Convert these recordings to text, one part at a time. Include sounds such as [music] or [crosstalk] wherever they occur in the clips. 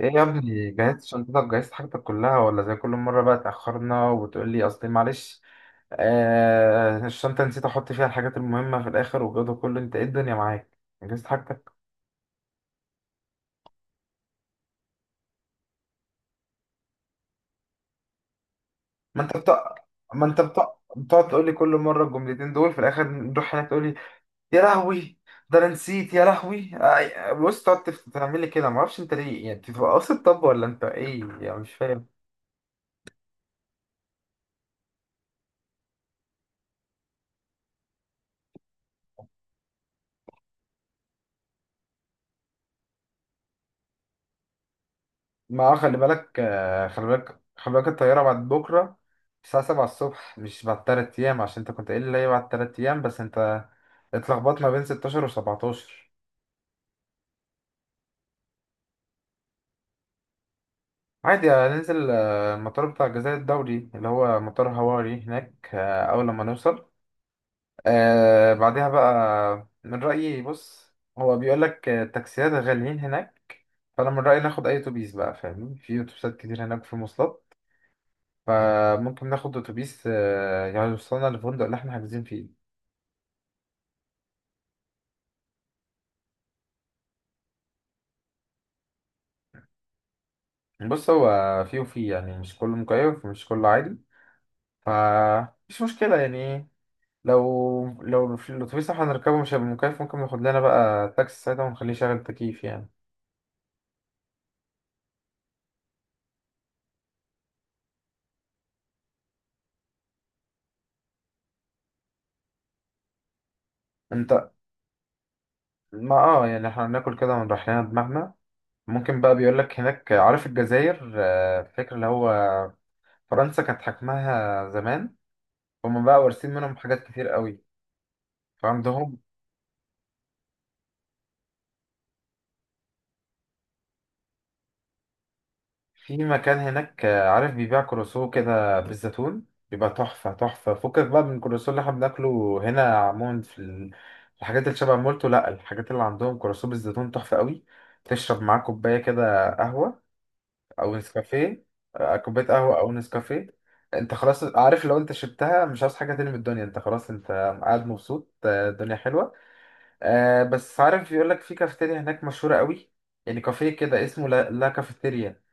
ايه يا ابني جهزت شنطتك؟ جهزت حاجتك كلها ولا زي كل مرة بقى تأخرنا وتقول لي اصل معلش الشنطة نسيت احط فيها الحاجات المهمة في الاخر، والجو ده كله انت ايه الدنيا معاك؟ جهزت حاجتك؟ ما انت بتق... ما انت بتقعد تقول لي كل مرة الجملتين دول في الاخر، نروح هناك تقول لي يا لهوي ده انا نسيت يا لهوي آه، بص، تقعد تعمل لي كده، ما اعرفش انت ليه، يعني انت بتبقى قاصد طب ولا انت ايه؟ يعني مش فاهم. ما هو خلي بالك خلي بالك الطيارة بعد بكرة الساعة سبعة الصبح مش بعد تلات أيام، عشان أنت كنت قايل لي هي بعد تلات أيام، بس أنت اتلخبطت ما بين ستاشر وسبعتاشر. عادي هننزل، المطار بتاع الجزائر الدولي اللي هو مطار هواري هناك، أول لما نوصل بعدها بقى من رأيي، بص، هو بيقول لك التاكسيات غاليين هناك، فأنا من رأيي ناخد أي أتوبيس بقى، فاهمني؟ في أتوبيسات كتير هناك، في مواصلات، فممكن ناخد اتوبيس يعني يوصلنا للفندق اللي احنا حاجزين فيه. بص، هو فيه وفيه، يعني مش كله مكيف ومش كله عادي، فمش مشكلة يعني لو في الاتوبيس اللي احنا هنركبه مش هيبقى مكيف، ممكن ناخد لنا بقى تاكسي ساعتها ونخليه شغل تكييف يعني. انت، ما اه يعني احنا هناكل كده ونريح لنا دماغنا. ممكن بقى، بيقولك هناك، عارف الجزائر فاكر اللي هو فرنسا كانت حكمها زمان، هما بقى وارثين منهم حاجات كتير قوي، فعندهم في مكان هناك، عارف، بيبيع كروسو كده بالزيتون بيبقى تحفة تحفة، فكك بقى من الكروسو اللي احنا بناكله هنا عموما في الحاجات اللي شبه مولتو، لأ، الحاجات اللي عندهم كروسو بالزيتون تحفة قوي، تشرب معاه كوباية كده قهوة أو نسكافيه. كوباية قهوة أو نسكافيه. انت خلاص، عارف، لو انت شربتها مش عاوز حاجة تاني من الدنيا، انت خلاص، انت قاعد مبسوط. الدنيا حلوة. بس عارف، بيقولك في كافيتيريا هناك مشهورة قوي، يعني كافيه كده، اسمه لا, لا كافيتيريا.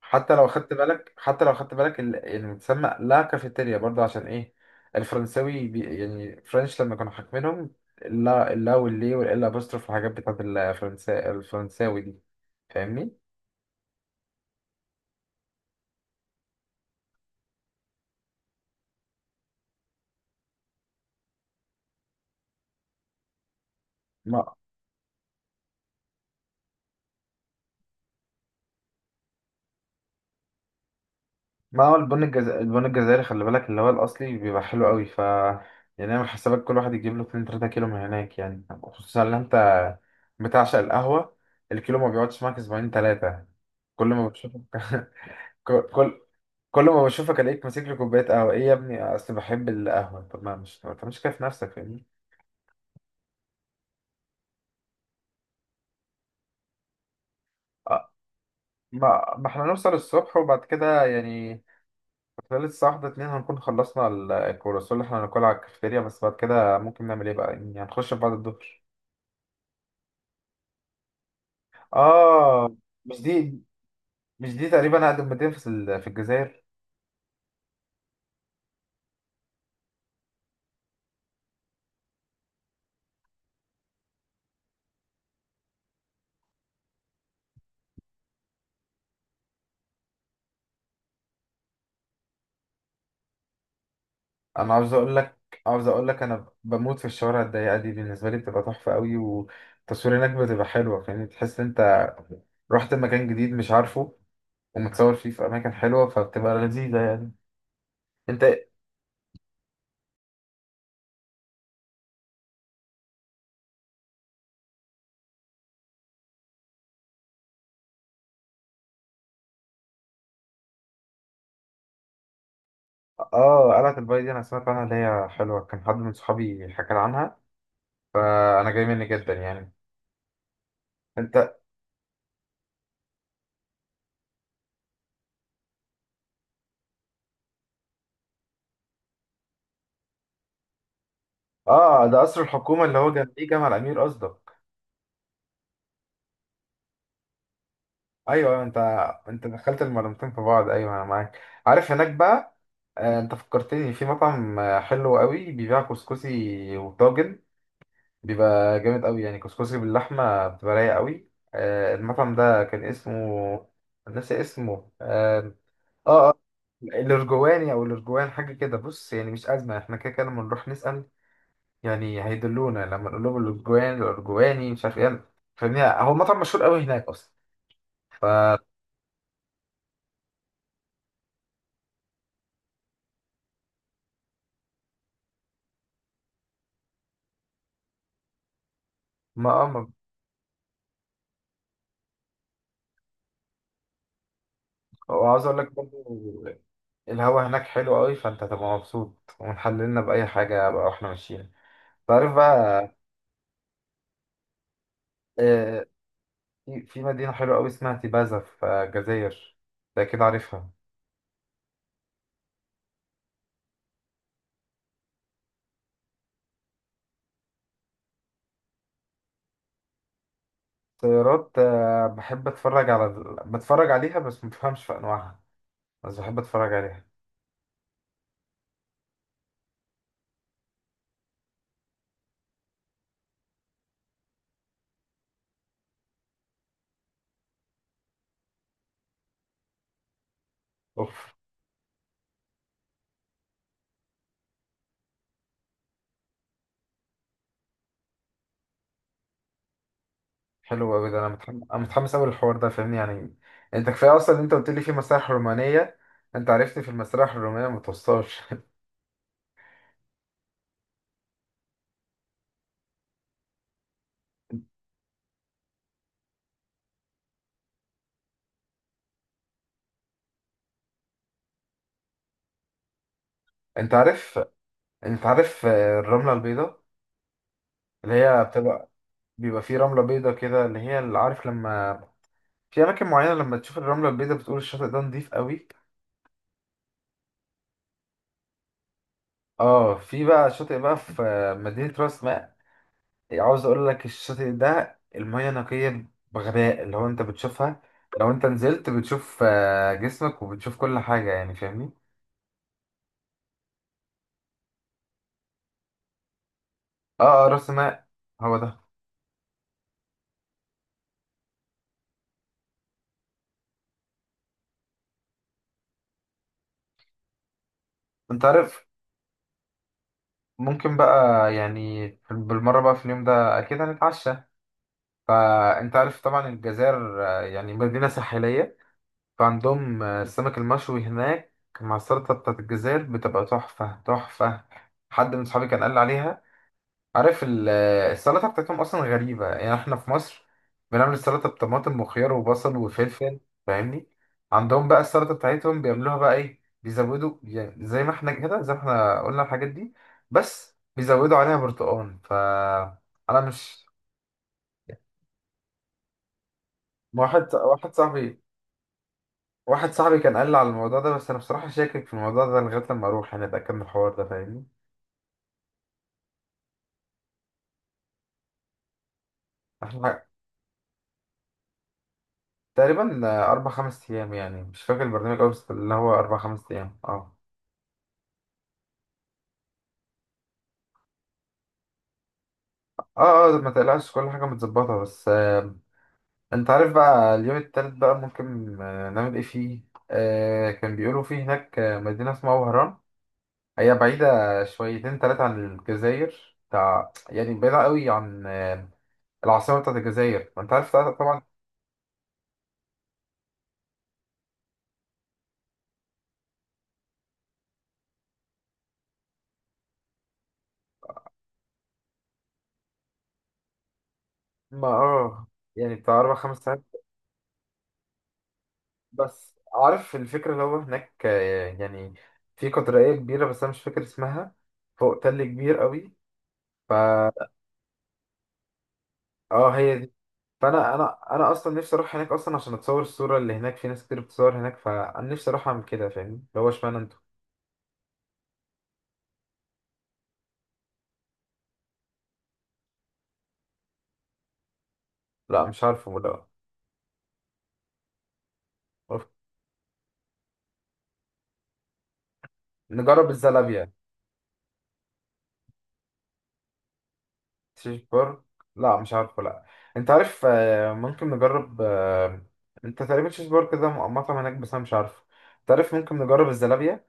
حتى لو خدت بالك، يعني بتسمى لا كافيتيريا برضه، عشان ايه؟ الفرنساوي بي يعني فرنش لما كانوا حاكمينهم، اللا اللا واللي والال ابوستروف والحاجات بتاعت الفرنسا الفرنساوي دي، فاهمني؟ ما ما هو البن الجزائري، البن الجزائري خلي بالك، اللي هو الاصلي، بيبقى حلو قوي، ف يعني اعمل حسابك كل واحد يجيب له 2 3 كيلو من هناك، يعني خصوصا ان انت بتعشق القهوة، الكيلو ما بيقعدش معاك اسبوعين ثلاثة، كل ما بشوفك. [laughs] كل كل ما بشوفك الاقيك ماسك لي كوبايه قهوه، ايه يا ابني؟ اصل بحب القهوه. طب ما مش ما تعملش كده في نفسك، فاهمني؟ آه، ما احنا نوصل الصبح، وبعد كده يعني خلال الساعه واحدة اتنين هنكون خلصنا الكرواسون اللي احنا هناكلها على الكافيتيريا، بس بعد كده ممكن نعمل ايه بقى؟ يعني هنخش في بعد الظهر. اه، مش دي مش دي تقريبا اقدم مدينه في في الجزائر؟ انا عاوز اقول لك عاوز اقول لك، انا بموت في الشوارع الضيقه دي، بالنسبه لي بتبقى تحفه قوي، والتصوير هناك بتبقى حلوه، فاهمني؟ تحس إن انت رحت مكان جديد مش عارفه، ومتصور فيه في أماكن حلوة، فبتبقى لذيذة يعني. أنت، آه قلعة الباي دي أنا سمعت عنها، اللي هي حلوة، كان حد من صحابي حكى لي عنها، فأنا جاي مني جدا يعني. أنت، آه ده قصر الحكومة اللي هو جنبيه جامع الأمير قصدك؟ أيوه أيوه، أنت، أنت دخلت المعلومتين في بعض، أيوه أنا معاك. عارف هناك بقى، أنت فكرتني في مطعم حلو قوي، بيبيع كسكسي وطاجن، بيبقى جامد قوي يعني، كسكسي باللحمة بتبقى رايقة قوي. المطعم ده كان اسمه، ناسي اسمه، اه اه الارجواني او الارجوان حاجه كده، بص يعني مش ازمه، احنا كده كده لما نروح نسال يعني هيدلونا لما نقول لهم الارجوان الارجواني مش عارف ايه، فاهمني؟ هو مطعم مشهور قوي هناك اصلا، فما اه ما- وعاوز اقول لك برضه الهوا هناك حلو قوي، فانت هتبقى مبسوط، ونحللنا باي حاجه بقى واحنا ماشيين، تعرف بقى. آه، في في مدينه حلوه قوي اسمها تيبازا في الجزائر، ده كده عارفها. طيارات، بحب اتفرج على، بتفرج عليها بس ما بفهمش في انواعها، بس بحب اتفرج عليها. اوف. حلو قوي، ده انا متحمس، انا متحمس قوي للحوار ده، فاهمني يعني؟ انت كفايه اصلا ان انت قلت لي في مسارح رومانيه، انت عرفتني في المسارح الرومانيه ما توصلش. [laughs] انت عارف، الرمله البيضاء اللي هي بتبقى، بيبقى في رمله بيضاء كده، اللي هي اللي عارف لما في اماكن معينه لما تشوف الرمله البيضاء بتقول الشاطئ ده نضيف قوي. اه في بقى شاطئ بقى في مدينه راس ماء. عاوز اقول لك الشاطئ ده المية نقية بغباء، اللي هو انت بتشوفها، لو انت نزلت بتشوف جسمك، وبتشوف كل حاجة يعني فاهمني؟ اه اه راس ماء، هو ده. انت عارف، ممكن بقى يعني بالمرة بقى في اليوم ده اكيد هنتعشى، فانت عارف طبعا الجزائر يعني مدينة ساحلية، فعندهم السمك المشوي هناك، مع السلطة بتاعت الجزائر بتبقى تحفة تحفة. حد من صحابي كان قال لي عليها، عارف السلطة بتاعتهم أصلا غريبة، يعني إحنا في مصر بنعمل السلطة بطماطم وخيار وبصل وفلفل، فاهمني؟ عندهم بقى السلطة بتاعتهم بيعملوها بقى إيه؟ بيزودوا، يعني زي ما إحنا كده، زي ما إحنا قلنا الحاجات دي، بس بيزودوا عليها برتقال، ف أنا مش، واحد واحد صاحبي واحد صاحبي كان قال لي على الموضوع ده، بس أنا بصراحة شاكك في الموضوع ده، لغاية لما أروح يعني أتأكد من الحوار ده، فاهمني؟ إحنا تقريبا أربع خمس أيام، يعني مش فاكر البرنامج أوي، بس اللي هو أربع خمس أيام أه. اه اه، ما تقلقش، كل حاجة متظبطة. بس آه، انت عارف بقى، اليوم التالت بقى ممكن آه نعمل ايه فيه؟ آه كان بيقولوا فيه هناك مدينة اسمها وهران، هي بعيدة شويتين تلاتة عن الجزائر، بتاع يعني بعيدة قوي عن العاصمة بتاعت الجزائر، ما انت عارف طبعا. ما اه يعني بتاع أربع خمس ساعات. بس عارف الفكرة، اللي هو هناك آه يعني في قطرية كبيرة بس أنا مش فاكر اسمها، فوق تل كبير قوي، فا اه هي دي. فانا انا انا اصلا نفسي اروح هناك اصلا عشان اتصور الصوره اللي هناك، في ناس كتير بتصور هناك، فانا نفسي اروح اعمل كده، فاهم؟ اللي هو اشمعنى انتوا. لا مش عارفه لا. أوف. نجرب الزلابيا. تشيش بار، لا مش عارفه لا. انت عارف ممكن نجرب انت تقريبا تشيش بار كده مطعم هناك، بس انا مش عارفه. انت عارف ممكن نجرب الزلابيا،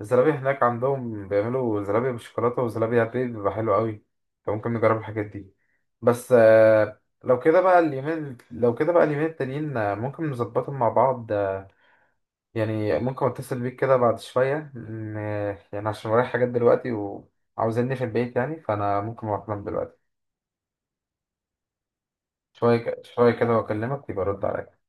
الزلابية هناك عندهم بيعملوا زلابية بالشوكولاتة وزلابية بيض بيبقى حلو قوي، انت ممكن نجرب الحاجات دي. بس لو كده بقى اليومين، لو كده بقى اليومين التانيين ممكن نظبطهم مع بعض، يعني ممكن اتصل بيك كده بعد شوية يعني عشان ورايا حاجات دلوقتي وعاوزيني في البيت يعني، فأنا ممكن أروح أنام دلوقتي. شوية كده وأكلمك، يبقى رد عليا.